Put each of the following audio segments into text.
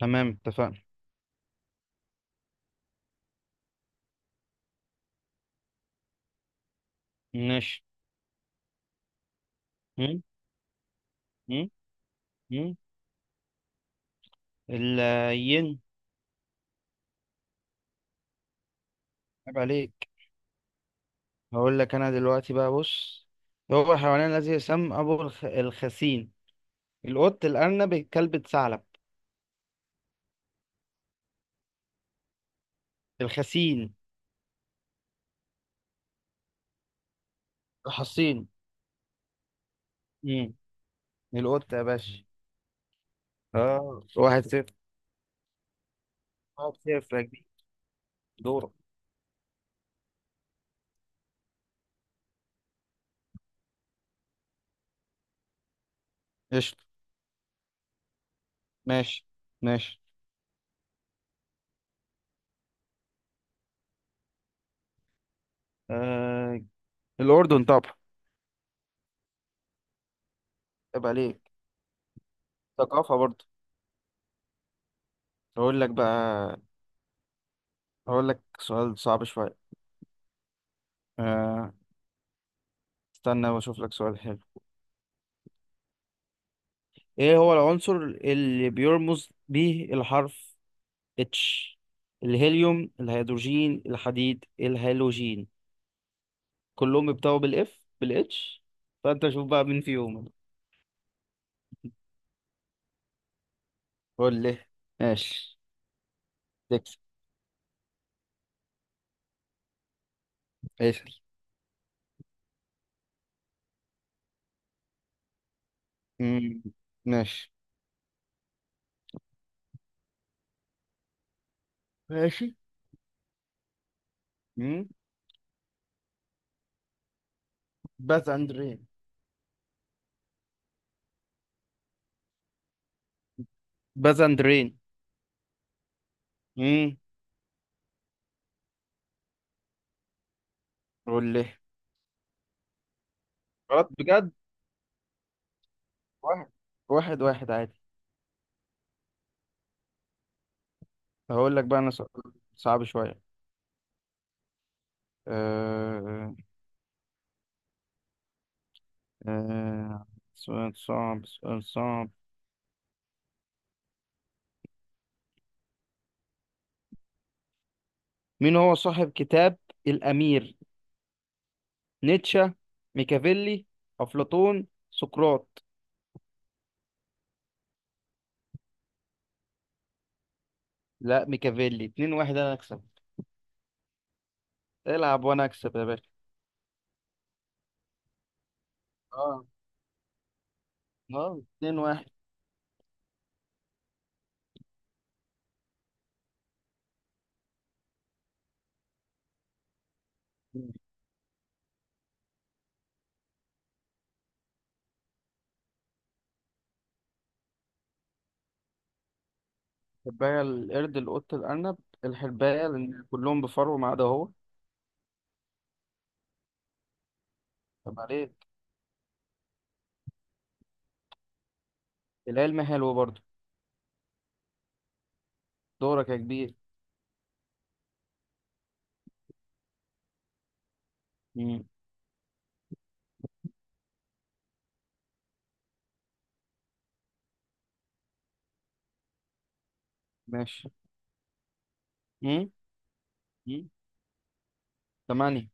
تمام، اتفقنا. ماشي. مم؟ مم؟ مم؟ الين. عيب عليك. هقول لك انا دلوقتي بقى، بص. هو الحيوان الذي يسمى ابو الخسين؟ القط، الارنب، الكلب، الثعلب. الخسين. الحصين. مم. القط يا باشا. اه، واحد صفر. واحد صفر يا كبير. دورك. قشطة. ماشي، ماشي. آه... الأردن طبعا. عيب عليك. ثقافة برضه. هقول لك بقى هقول لك سؤال صعب شوية. آه... استنى واشوف لك سؤال حلو. ايه هو العنصر اللي بيرمز به الحرف اتش؟ الهيليوم، الهيدروجين، الحديد، الهالوجين. كلهم بيبتدوا بالاتش. فانت شوف بقى مين فيهم. قول لي. ماشي. تكسب. اسأل. مم، ماشي، ماشي. مم. باز اندرين، باز اندرين. مم. قول لي. غلط بجد. واحد واحد، واحد عادي. هقول لك بقى انا سؤال صعب شوية. أه... آه سؤال صعب، سؤال صعب. مين هو صاحب كتاب الأمير؟ نيتشه، ميكافيلي، أفلاطون، سقراط. لا، ميكافيلي. اتنين واحد، أنا أكسب. العب وأنا أكسب يا باشا. اه، اه، اتنين واحد. الحرباية، القرد، القط، الأرنب. الحرباية، لأن كلهم بفرو ما عدا هو. طب عليك. العلم حلو برضه. دورك يا كبير. مم. ماشي. مم. مم. تمانية.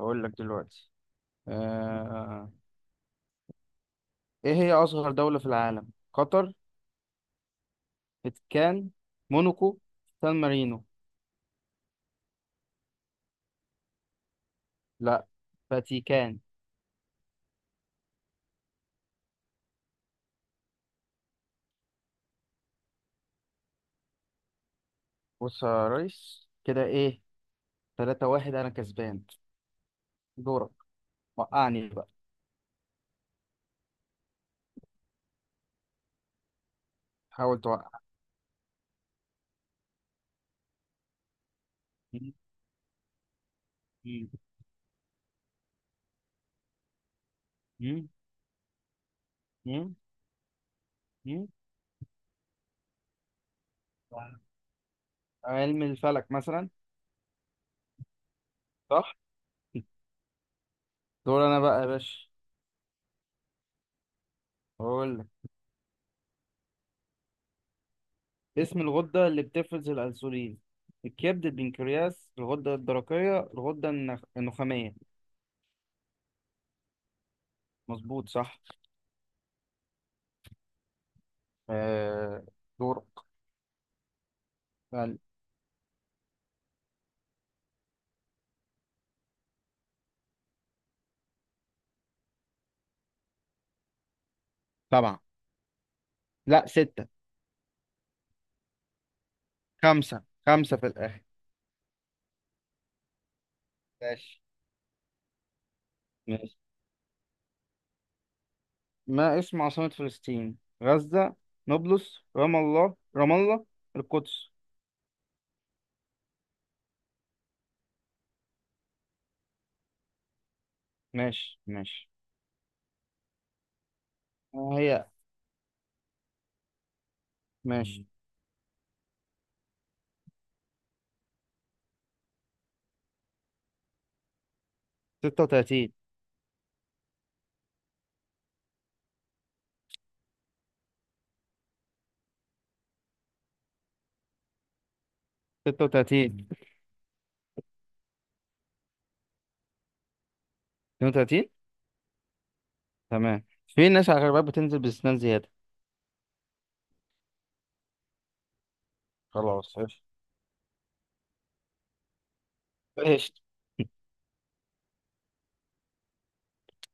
أقول لك دلوقتي. آه ايه هي اصغر دولة في العالم؟ قطر، فاتيكان، موناكو، سان مارينو. لا، فاتيكان. بص يا ريس، كده ايه، تلاتة واحد، انا كسبان. دورك. وقعني بقى. حاول توقع. م- م- م- م- م. علم الفلك مثلا. صح. دور انا بقى يا باشا. هقول لك. اسم الغدة اللي بتفرز الانسولين: الكبد، البنكرياس، الغدة الدرقية، الغدة النخامية. مظبوط صح. آه. دورك. سبعة. لا، ستة. خمسة، خمسة في الآخر. ماشي، ماشي. ما اسم عاصمة فلسطين؟ غزة، نابلس، رام الله، رام الله، القدس. ماشي، ماشي. آه، هي. ماشي. 36. 36. 32. تمام، في ناس على غربات بتنزل بسنان زيادة. خلاص قشطة. قشطة.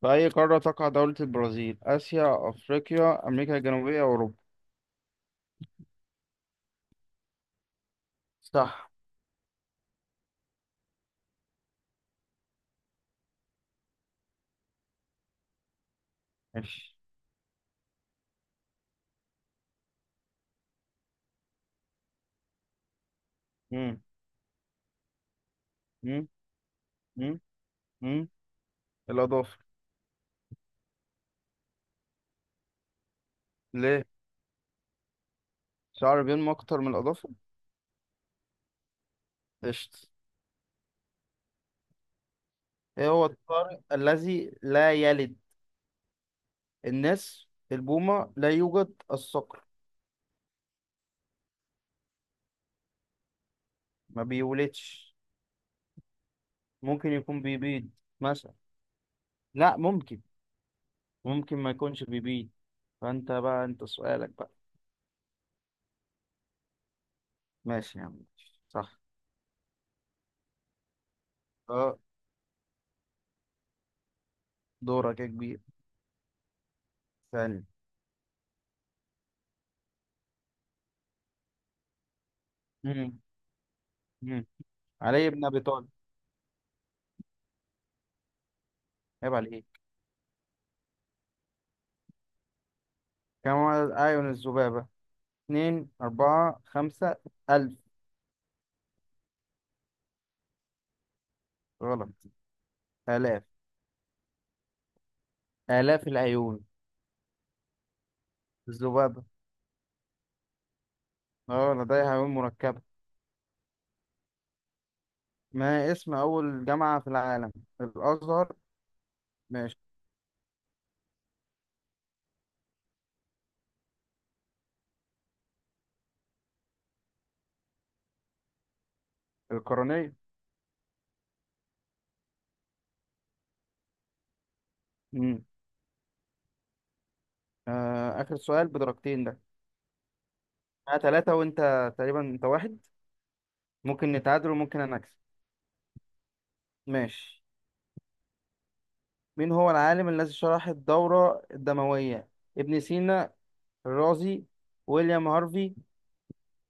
في أي قارة تقع دولة البرازيل؟ آسيا، أفريقيا، أمريكا الجنوبية، أوروبا. صح. ماشي. مم. مم. مم. مم. الأضافة. ليه؟ شعر بينمو أكتر من الأظافر. قشطة. إيه هو الطارئ الذي لا يلد؟ الناس، البومة، لا يوجد، الصقر. ما بيولدش. ممكن يكون بيبيض مثلا. لا، ممكن. ممكن ما يكونش بيبيض. فأنت بقى، أنت سؤالك بقى. ماشي يا عم. ماشي. صح. أه، دورك يا كبير ثاني. مم. مم. علي بن أبي طالب. عيب عليك. كم عدد أعين الذبابة؟ اتنين، أربعة، خمسة، ألف. غلط. آلاف. آلاف العيون. الذبابة. اه، لديها عيون مركبة. ما اسم أول جامعة في العالم؟ الأزهر. ماشي. القرنية. مم. آخر سؤال بدرجتين ده. أنا تلاتة، وأنت تقريبا أنت واحد. ممكن نتعادل، وممكن أنا أكسب. ماشي. مين هو العالم الذي شرح الدورة الدموية؟ ابن سينا، الرازي، ويليام هارفي،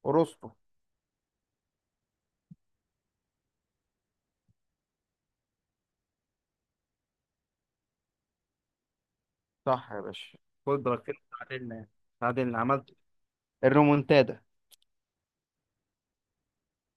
أرسطو. صح يا باشا. خد درجتين، تعادلنا يعني. تعادلنا. عملت الرومونتادا.